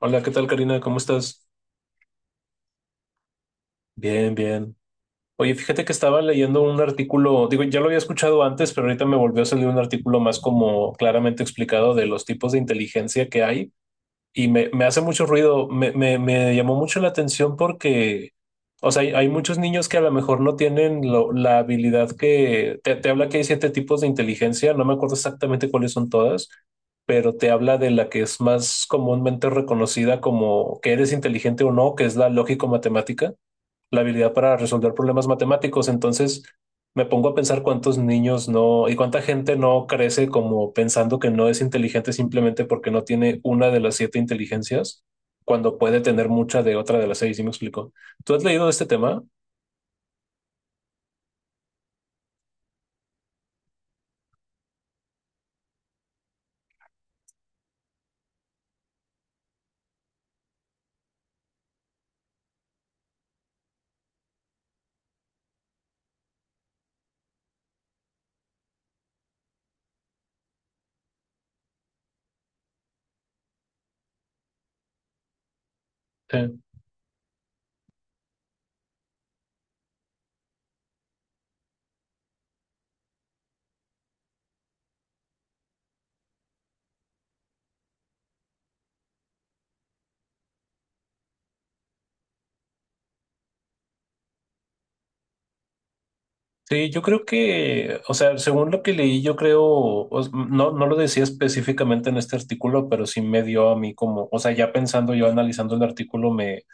Hola, ¿qué tal, Karina? ¿Cómo estás? Bien. Oye, fíjate que estaba leyendo un artículo, digo, ya lo había escuchado antes, pero ahorita me volvió a salir un artículo más como claramente explicado de los tipos de inteligencia que hay. Y me hace mucho ruido, me llamó mucho la atención porque, o sea, hay muchos niños que a lo mejor no tienen la habilidad que, te habla que hay 7 tipos de inteligencia, no me acuerdo exactamente cuáles son todas, pero te habla de la que es más comúnmente reconocida como que eres inteligente o no, que es la lógico-matemática, la habilidad para resolver problemas matemáticos. Entonces me pongo a pensar cuántos niños no y cuánta gente no crece como pensando que no es inteligente simplemente porque no tiene una de las 7 inteligencias cuando puede tener mucha de otra de las 6. ¿Sí me explico? ¿Tú has leído de este tema? Eh, Sí, yo creo que, o sea, según lo que leí, yo creo, no, no lo decía específicamente en este artículo, pero sí me dio a mí como, o sea, ya pensando yo, analizando el artículo, me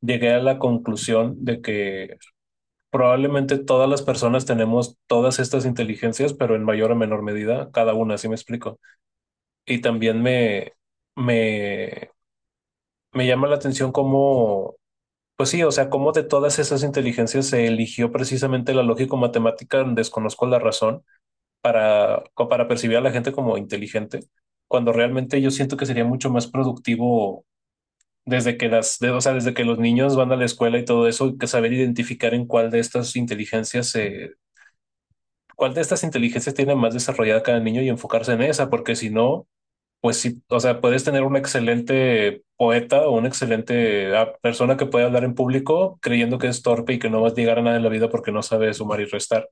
llegué a la conclusión de que probablemente todas las personas tenemos todas estas inteligencias, pero en mayor o menor medida, cada una, así me explico. Y también me, me llama la atención cómo, pues sí, o sea, cómo de todas esas inteligencias se eligió precisamente la lógico-matemática, desconozco la razón, para percibir a la gente como inteligente, cuando realmente yo siento que sería mucho más productivo desde que o sea, desde que los niños van a la escuela y todo eso, que saber identificar en cuál de estas cuál de estas inteligencias tiene más desarrollada cada niño y enfocarse en esa, porque si no, pues sí, o sea, puedes tener un excelente poeta o una excelente persona que puede hablar en público creyendo que es torpe y que no va a llegar a nada en la vida porque no sabe sumar y restar.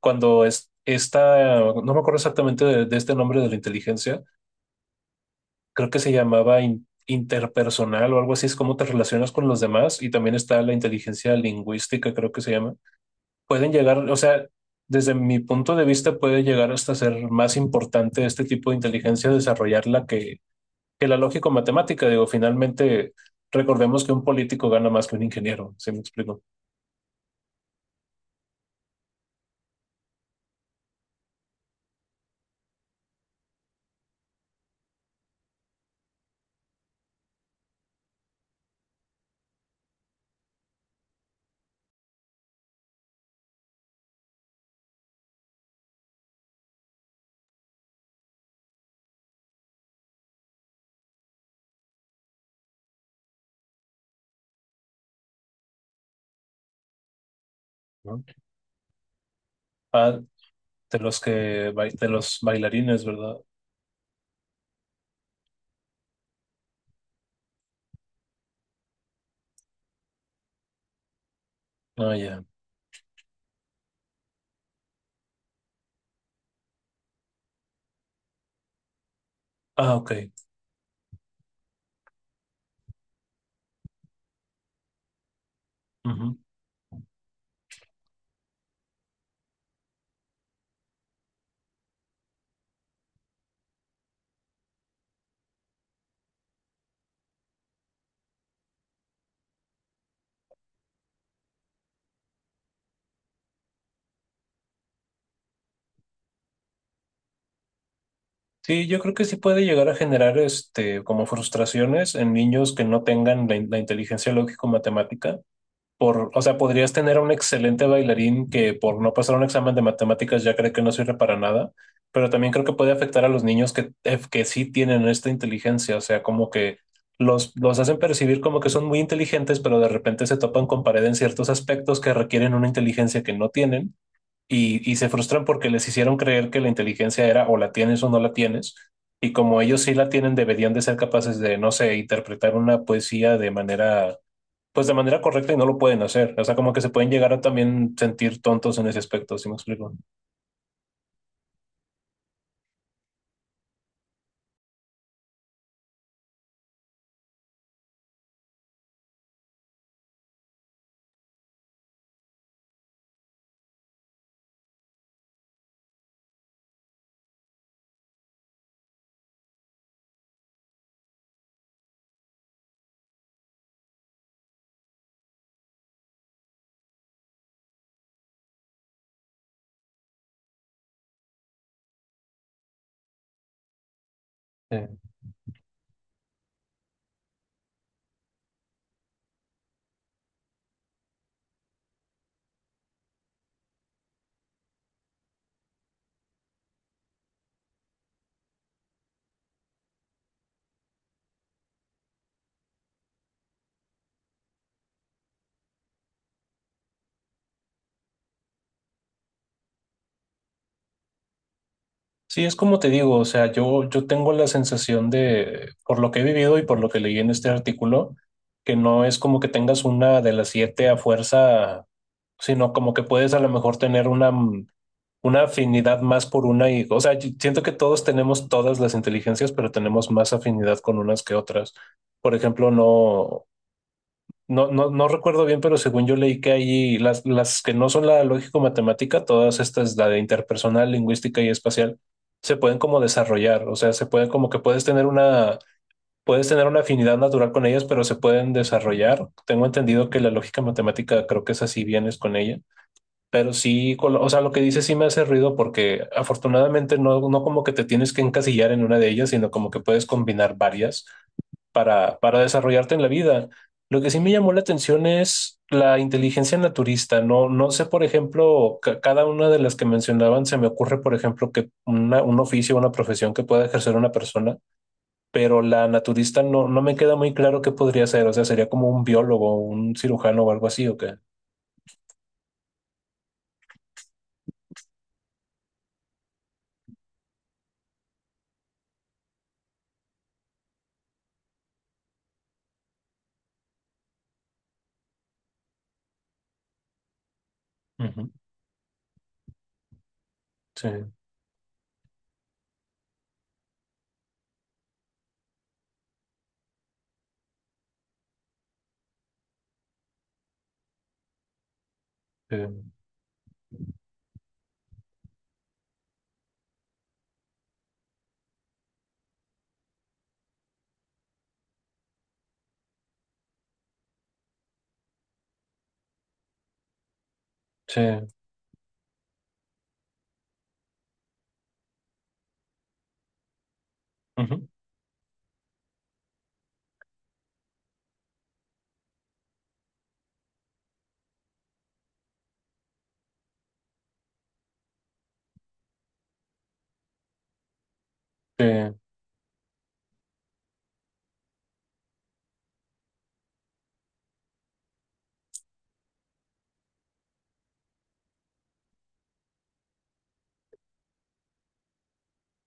Esta, no me acuerdo exactamente de este nombre de la inteligencia, creo que se llamaba interpersonal o algo así, es cómo te relacionas con los demás y también está la inteligencia lingüística, creo que se llama, pueden llegar, o sea, desde mi punto de vista puede llegar hasta ser más importante este tipo de inteligencia desarrollarla que la lógico-matemática. Digo, finalmente, recordemos que un político gana más que un ingeniero, ¿sí me explico? ¿No? Ah, de los que, de los bailarines, ¿verdad? Ah, ya. Ah, ok. Ujú. Sí, yo creo que sí puede llegar a generar este, como frustraciones en niños que no tengan la, la inteligencia lógico-matemática, por, o sea, podrías tener a un excelente bailarín que por no pasar un examen de matemáticas ya cree que no sirve para nada, pero también creo que puede afectar a los niños que sí tienen esta inteligencia, o sea, como que los hacen percibir como que son muy inteligentes, pero de repente se topan con pared en ciertos aspectos que requieren una inteligencia que no tienen y se frustran porque les hicieron creer que la inteligencia era o la tienes o no la tienes. Y como ellos sí la tienen, deberían de ser capaces de, no sé, interpretar una poesía de manera, pues de manera correcta y no lo pueden hacer. O sea, como que se pueden llegar a también sentir tontos en ese aspecto, ¿si me explico? Sí. Sí, es como te digo, o sea, yo tengo la sensación de, por lo que he vivido y por lo que leí en este artículo, que no es como que tengas una de las siete a fuerza, sino como que puedes a lo mejor tener una, una afinidad más por una y, o sea, yo siento que todos tenemos todas las inteligencias, pero tenemos más afinidad con unas que otras. Por ejemplo, no, no recuerdo bien, pero según yo leí que hay las que no son la lógico-matemática, todas estas, la de interpersonal, lingüística y espacial, se pueden como desarrollar, o sea, se puede como que puedes tener una afinidad natural con ellas, pero se pueden desarrollar. Tengo entendido que la lógica matemática creo que es así, vienes con ella, pero sí, con o sea, lo que dice sí me hace ruido porque afortunadamente no, no como que te tienes que encasillar en una de ellas, sino como que puedes combinar varias para desarrollarte en la vida. Lo que sí me llamó la atención es la inteligencia naturista. No, no sé, por ejemplo, cada una de las que mencionaban, se me ocurre, por ejemplo, que un oficio, una profesión que pueda ejercer una persona, pero la naturista no, no me queda muy claro qué podría ser. O sea, sería como un biólogo, un cirujano o algo así, ¿o qué? Ujú. Sí, sí, sí. Ujú. Sí.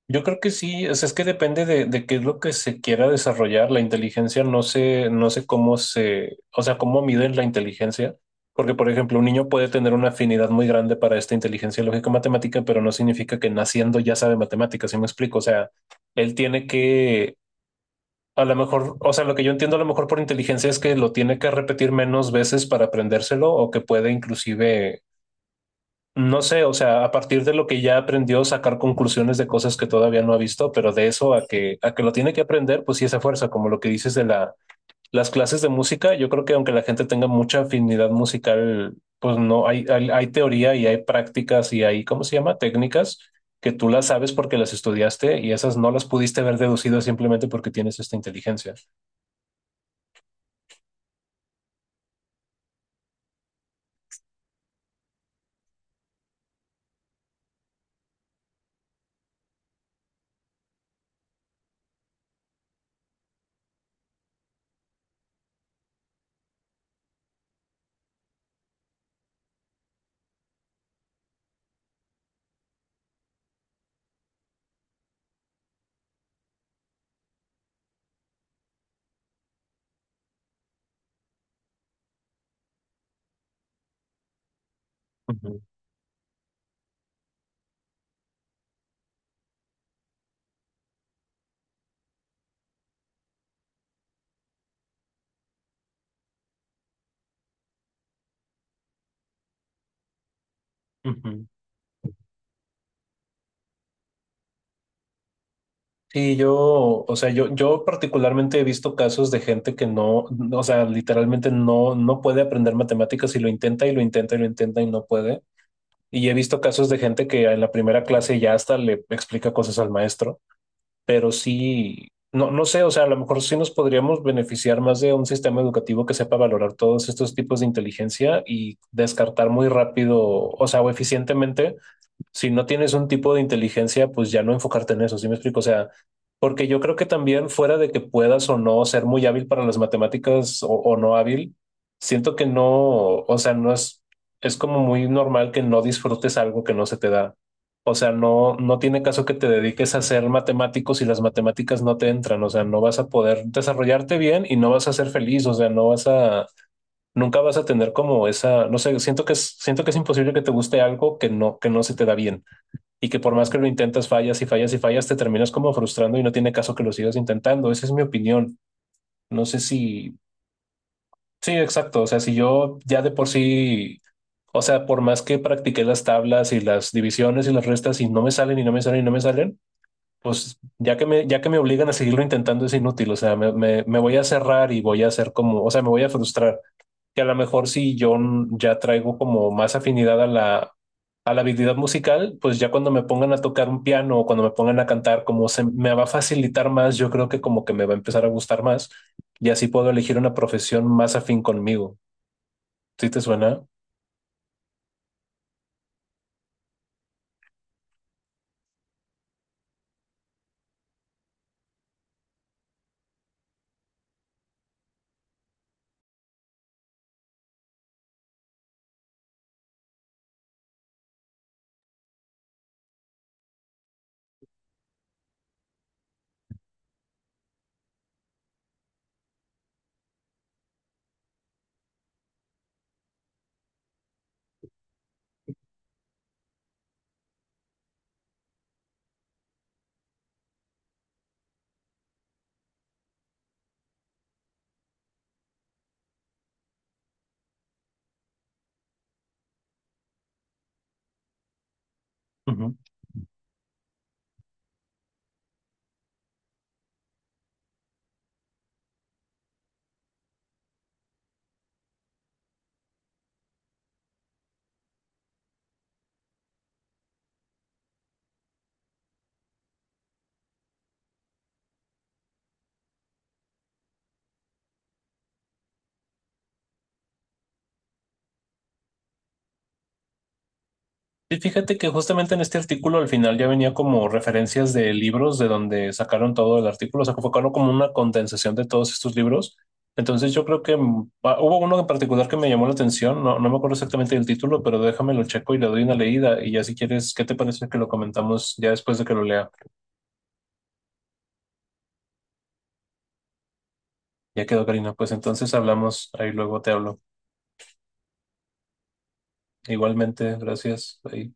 Yo creo que sí, o sea, es que depende de qué es lo que se quiera desarrollar. La inteligencia no sé, no sé cómo se, o sea, cómo miden la inteligencia. Porque, por ejemplo, un niño puede tener una afinidad muy grande para esta inteligencia lógica matemática, pero no significa que naciendo ya sabe matemáticas, ¿sí me explico? O sea, él tiene que, a lo mejor, o sea, lo que yo entiendo a lo mejor por inteligencia es que lo tiene que repetir menos veces para aprendérselo o que puede inclusive no sé, o sea, a partir de lo que ya aprendió, sacar conclusiones de cosas que todavía no ha visto, pero de eso a que lo tiene que aprender, pues sí, esa fuerza, como lo que dices de la, las clases de música, yo creo que aunque la gente tenga mucha afinidad musical, pues no, hay teoría y hay prácticas y hay, ¿cómo se llama? Técnicas que tú las sabes porque las estudiaste y esas no las pudiste haber deducido simplemente porque tienes esta inteligencia. Ujú, ujú. Sí, yo, o sea, yo particularmente he visto casos de gente que no, no, o sea, literalmente no, no puede aprender matemáticas y lo intenta y lo intenta y lo intenta y no puede. Y he visto casos de gente que en la primera clase ya hasta le explica cosas al maestro, pero sí, no, no sé, o sea, a lo mejor sí nos podríamos beneficiar más de un sistema educativo que sepa valorar todos estos tipos de inteligencia y descartar muy rápido, o sea, o eficientemente, si no tienes un tipo de inteligencia, pues ya no enfocarte en eso, ¿sí me explico? O sea, porque yo creo que también fuera de que puedas o no ser muy hábil para las matemáticas o no hábil, siento que no, o sea, no es, es como muy normal que no disfrutes algo que no se te da. O sea, no, no tiene caso que te dediques a ser matemático si las matemáticas no te entran. O sea, no vas a poder desarrollarte bien y no vas a ser feliz. O sea, no vas a, nunca vas a tener como esa, no sé, siento que es imposible que te guste algo que no se te da bien y que por más que lo intentas, fallas y fallas y fallas, te terminas como frustrando y no tiene caso que lo sigas intentando. Esa es mi opinión. No sé si, sí, exacto. O sea, si yo ya de por sí, o sea, por más que practiqué las tablas y las divisiones y las restas y no me salen y no me salen y no me salen, pues ya que ya que me obligan a seguirlo intentando es inútil. O sea, me voy a cerrar y voy a hacer como, o sea, me voy a frustrar que a lo mejor si yo ya traigo como más afinidad a la habilidad musical, pues ya cuando me pongan a tocar un piano o cuando me pongan a cantar, como se me va a facilitar más, yo creo que como que me va a empezar a gustar más y así puedo elegir una profesión más afín conmigo. ¿Sí te suena? Y fíjate que justamente en este artículo al final ya venía como referencias de libros de donde sacaron todo el artículo, o sea, que fue claro como una condensación de todos estos libros. Entonces yo creo que hubo uno en particular que me llamó la atención, no, no me acuerdo exactamente del título, pero déjame lo checo y le doy una leída y ya si quieres, ¿qué te parece que lo comentamos ya después de que lo lea? Ya quedó, Karina, pues entonces hablamos, ahí luego te hablo. Igualmente, gracias. Ahí.